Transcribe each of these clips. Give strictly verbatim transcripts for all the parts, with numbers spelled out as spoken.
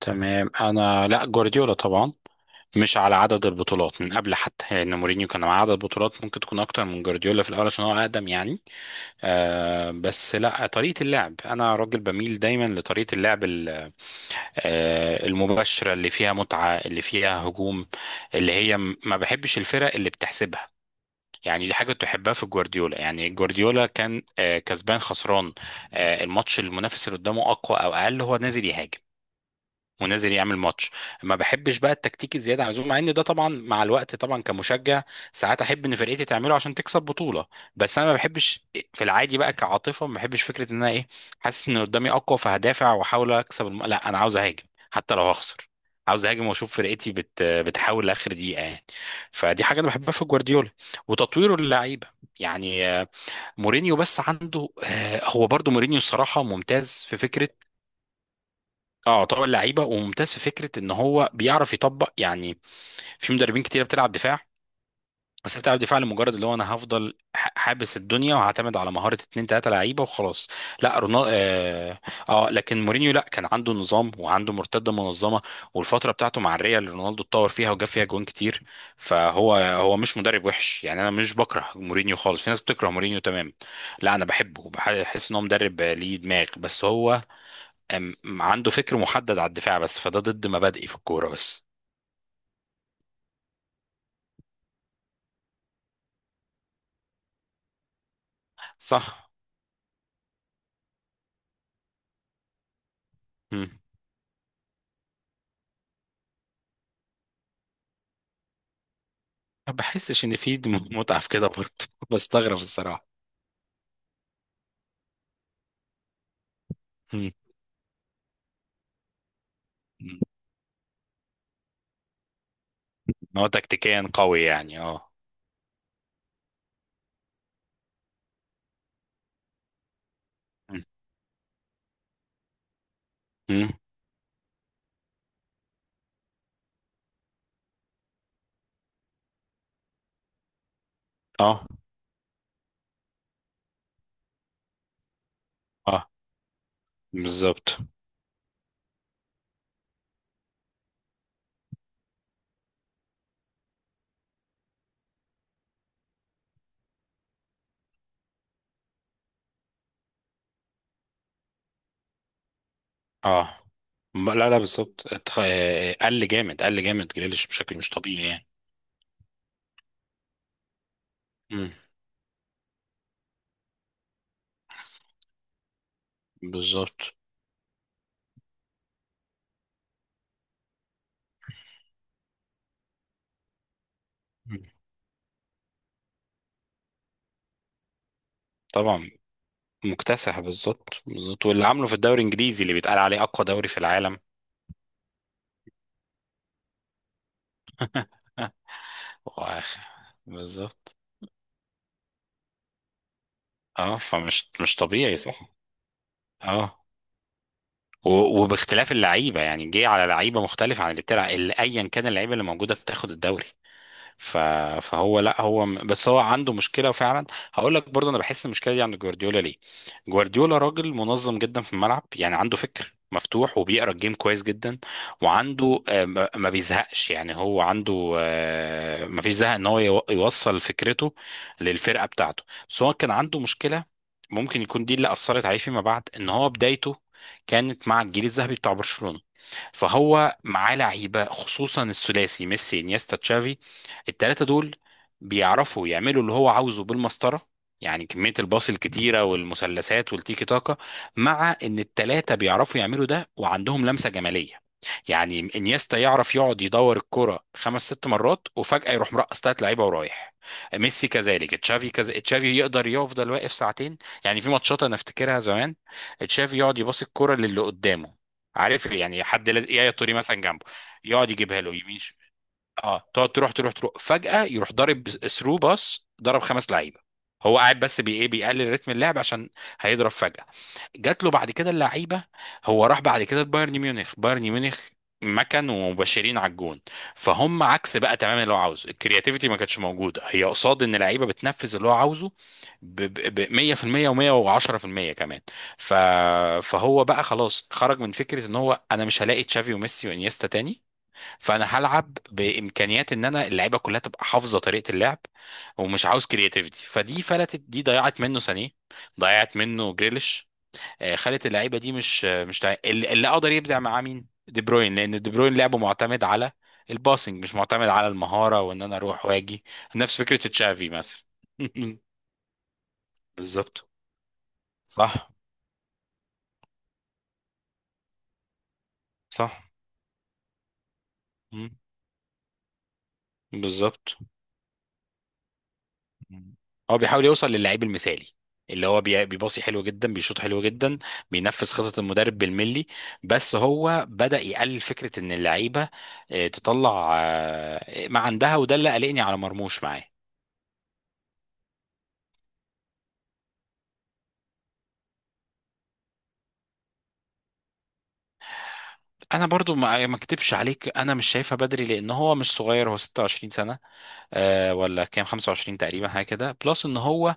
تمام، انا لا جوارديولا طبعا. مش على عدد البطولات من قبل، حتى لان مورينيو كان مع عدد بطولات ممكن تكون اكتر من جوارديولا في الاول عشان هو اقدم يعني. آه بس لا طريقه اللعب، انا راجل بميل دايما لطريقه اللعب ال- آه، المباشرة اللي فيها متعة، اللي فيها هجوم، اللي هي م- ما بحبش الفرق اللي بتحسبها. يعني دي حاجة تحبها في جوارديولا، يعني جوارديولا كان، آه، كسبان خسران، آه، الماتش، المنافس اللي قدامه أقوى أو أقل، هو نازل يهاجم ونازل يعمل ماتش. ما بحبش بقى التكتيك الزياده عن اللزوم، مع ان ده طبعا مع الوقت طبعا كمشجع ساعات احب ان فرقتي تعمله عشان تكسب بطوله، بس انا ما بحبش. في العادي بقى كعاطفه ما بحبش فكره ان انا ايه، حاسس ان قدامي اقوى فهدافع واحاول اكسب الم... لا، انا عاوز اهاجم حتى لو هخسر. عاوز اهاجم واشوف فرقتي بت... بتحاول لاخر دقيقه يعني. فدي حاجه انا بحبها في جوارديولا، وتطويره للعيبه يعني. آه، مورينيو، بس عنده آه، هو برضو مورينيو الصراحه ممتاز في فكره. اه طبعا لعيبه، وممتاز في فكره ان هو بيعرف يطبق يعني. في مدربين كتير بتلعب دفاع، بس هي بتلعب دفاع لمجرد اللي هو انا هفضل ح- حابس الدنيا، وهعتمد على مهاره اتنين تلاته لعيبه وخلاص. لا رونالدو، اه، آه لكن مورينيو لا كان عنده نظام، وعنده مرتده منظمه، والفتره بتاعته مع الريال رونالدو اتطور فيها وجاب فيها جوان كتير. فهو هو مش مدرب وحش يعني، انا مش بكره مورينيو خالص، في ناس بتكره مورينيو تمام. لا انا بحبه، وبحس ان هو مدرب ليه دماغ، بس هو أم- عنده فكر محدد على الدفاع بس، فده ضد مبادئي في الكورة بس. صح. مم. ما بحسش ان في دم- متعة في كده برضه. بستغرب الصراحة. مم. مم. هو تكتيكيا قوي يعني، اه. مم. مم. اه اه، بالظبط اه. م- لا لا، بالظبط. اتخ- آه، آه، قل جامد قل جامد، جريليش بشكل مش طبيعي يعني. مم. بالظبط. مم. طبعا مكتسح، بالظبط بالظبط، واللي عامله في الدوري الانجليزي اللي بيتقال عليه اقوى دوري في العالم. واخ، بالظبط اه، فمش مش طبيعي صح. اه، و- وباختلاف اللعيبه، يعني جه على لعيبه مختلفه عن اللي بتلعب، اللي ايا كان اللعيبه اللي موجوده بتاخد الدوري. ف... فهو، لا هو، م- بس هو عنده مشكله فعلا. هقول لك برضه، انا بحس المشكله دي عند جوارديولا ليه. جوارديولا راجل منظم جدا في الملعب، يعني عنده فكر مفتوح وبيقرا الجيم كويس جدا. وعنده آه، ما ما بيزهقش، يعني هو عنده آه، ما فيش زهق ان هو يو- يوصل فكرته للفرقه بتاعته. بس هو كان عنده مشكله، ممكن يكون دي اللي اثرت عليه فيما بعد، ان هو بدايته كانت مع الجيل الذهبي بتاع برشلونه. فهو معاه لعيبه، خصوصا الثلاثي ميسي انيستا تشافي، الثلاثه دول بيعرفوا يعملوا اللي هو عاوزه بالمسطره. يعني كميه الباص الكتيره، والمثلثات والتيكي تاكا، مع ان الثلاثه بيعرفوا يعملوا ده وعندهم لمسه جماليه. يعني انيستا يعرف يقعد يدور الكرة خمس ست مرات، وفجأة يروح مرقص تلات لعيبة ورايح. ميسي كذلك، تشافي كذا، تشافي يقدر يفضل واقف ساعتين. يعني في ماتشات انا افتكرها زمان، تشافي يقعد يباصي الكرة للي قدامه، عارف يعني، حد لازق يا الطري مثلا جنبه، يقعد يجيبها له يمين ش... اه، تقعد تروح تروح تروح، فجأة يروح ضارب ثرو باص ضرب خمس لعيبة. هو قاعد بس بي ايه، بيقلل رتم اللعب عشان هيضرب فجأة، جات له بعد كده اللعيبه. هو راح بعد كده بايرن ميونخ، بايرن ميونخ مكن ومبشرين على الجون، فهم عكس بقى تماما اللي هو عاوزه. الكرياتيفيتي ما كانتش موجوده، هي قصاد ان اللعيبه بتنفذ اللي هو عاوزه ب ب- ب- مية في المية و110% كمان. ف فهو بقى خلاص خرج من فكره، ان هو انا مش هلاقي تشافي وميسي وانيستا تاني. فانا هلعب بامكانيات ان انا اللعيبه كلها تبقى حافظه طريقه اللعب، ومش عاوز كرياتيفيتي. فدي فلتت، دي ضيعت منه سانيه، ضيعت منه جريليش، آه، خلت اللعيبه دي مش، آه، مش تع- اللي اللي قدر يبدع معاه مين؟ دي بروين، لان دي بروين لعبه معتمد على الباسنج، مش معتمد على المهاره وان انا اروح واجي. نفس فكره تشافي مثلا. بالظبط، صح صح. مم. بالظبط. مم. هو بيحاول يوصل للعيب المثالي، اللي هو بي- بيباصي حلو جدا، بيشوط حلو جدا، بينفذ خطط المدرب بالملي. بس هو بدأ يقلل فكرة ان اللعيبة آه، تطلع آه، ما عندها، وده اللي قلقني على مرموش معاه. انا برضو ما ما اكدبش عليك، انا مش شايفها بدري، لان هو مش صغير، هو ستة وعشرين سنه، آه ولا كام، خمسة وعشرين تقريبا حاجه كده. بلس ان هو،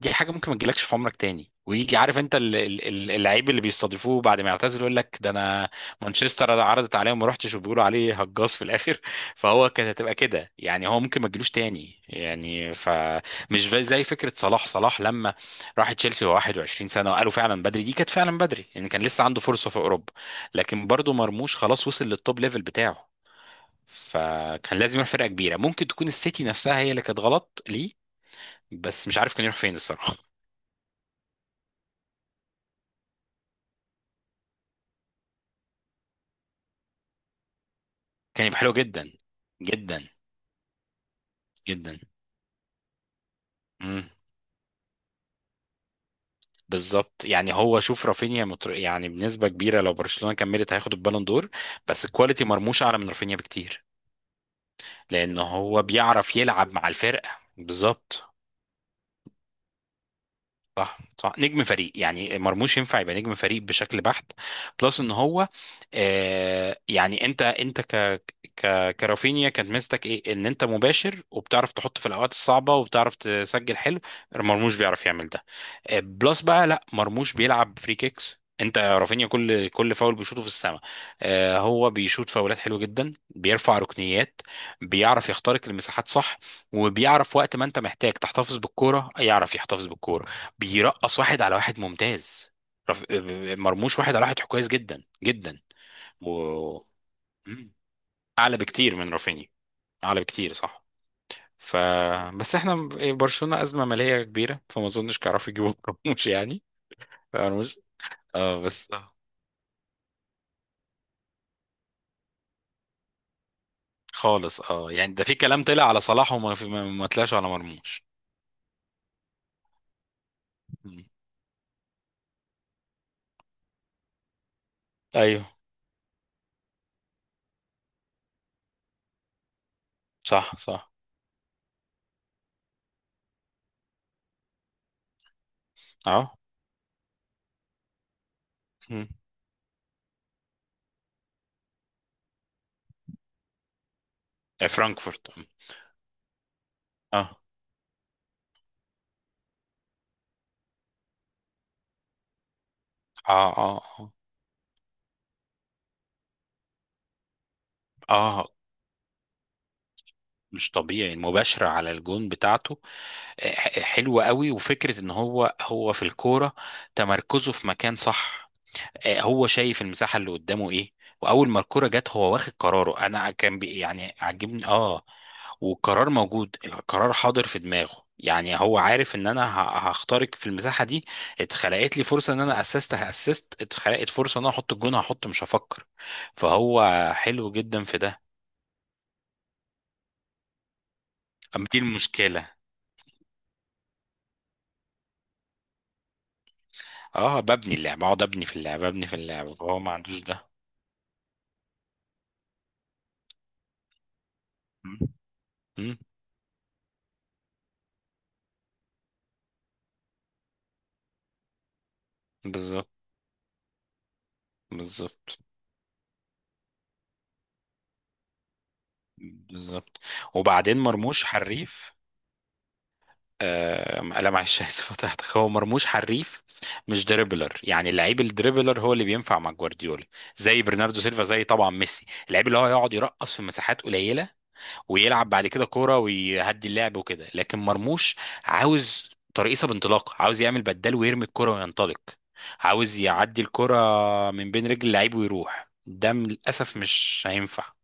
دي حاجه ممكن ما تجيلكش في عمرك تاني، ويجي عارف انت ال- ال- ال- اللعيب اللي بيستضيفوه بعد ما يعتزل يقول لك ده، انا مانشستر عرضت عليه وما رحتش، وبيقولوا عليه هجاص في الاخر. فهو كانت هتبقى كده يعني، هو ممكن ما تجيلوش تاني يعني. فمش زي زي فكره صلاح صلاح لما راح تشيلسي وهو واحد وعشرين سنه وقالوا فعلا بدري. دي كانت فعلا بدري يعني، كان لسه عنده فرصه في اوروبا. لكن برضه مرموش خلاص وصل للتوب ليفل بتاعه، فكان لازم يروح فرقه كبيره، ممكن تكون السيتي نفسها هي اللي كانت غلط ليه. بس مش عارف كان يروح فين الصراحه. كان يبقى حلو جدا، جدا جدا. امم. بالظبط. يعني هو، شوف رافينيا متر... يعني بنسبه كبيره، لو برشلونه كملت هياخد البالون دور. بس الكواليتي، مرموش اعلى من رافينيا بكتير. لان هو بيعرف يلعب مع الفرقه، بالظبط، صح صح، نجم فريق. يعني مرموش ينفع يبقى نجم فريق بشكل بحت. بلس ان هو، آه يعني انت، انت ك ك كرافينيا كانت ميزتك ايه؟ ان انت مباشر وبتعرف تحط في الاوقات الصعبه، وبتعرف تسجل حلو. مرموش بيعرف يعمل ده. آه بلس بقى، لا مرموش بيلعب فري كيكس، انت رافينيا كل كل فاول بيشوطه في السماء. آه هو بيشوط فاولات حلوه جدا، بيرفع ركنيات، بيعرف يخترق المساحات صح، وبيعرف وقت ما انت محتاج تحتفظ بالكوره يعرف يحتفظ بالكوره، بيرقص واحد على واحد ممتاز. رف... آه، مرموش واحد على واحد كويس جدا جدا. و... مم. اعلى بكتير من رافينيا، اعلى بكتير صح. ف بس احنا برشلونة ازمة مالية كبيرة، فما اظنش كانوا يجيبوا مرموش يعني. مرموش، اه بس. خالص، اه يعني ده في كلام طلع على صلاح، وما في... ما ما طلعش على مرموش. مم. ايوه، صح صح اه. مم. آه، فرانكفورت. مم. اه اه اه اه اه. مش طبيعي المباشرة على الجون بتاعته، آه، ح- حلوة قوي، وفكرة ان هو هو في الكورة، تمركزه في مكان صح. آه، هو شايف المساحة اللي قدامه ايه، واول ما الكورة جت هو واخد قراره، انا كان بي يعني، عجبني اه. والقرار موجود، القرار حاضر في دماغه يعني، هو عارف ان انا ه- هخترق في المساحة دي. اتخلقت لي فرصة ان انا اسست هاسست، اتخلقت فرصة ان انا احط الجون، هحط مش هفكر. فهو حلو جدا في ده. أما دي المشكلة. اه، ببني اللعبة، اقعد ابني في اللعبة، ابني في اللعبة، فهو ما عندوش ده. مم. مم. بالظبط بالظبط بالظبط. وبعدين مرموش حريف. آه لا معلش، اسف قطعتك. هو مرموش حريف، مش دريبلر. يعني اللعيب الدريبلر هو اللي بينفع مع جوارديولا، زي برناردو سيلفا، زي طبعا ميسي، اللعيب اللي هو يقعد يرقص في مساحات قليله، ويلعب بعد كده كوره ويهدي اللعب وكده. لكن مرموش عاوز ترقيصه بانطلاق، عاوز يعمل بدال ويرمي الكوره وينطلق، عاوز يعدي الكوره من بين رجل اللعيب ويروح، ده للاسف مش هينفع.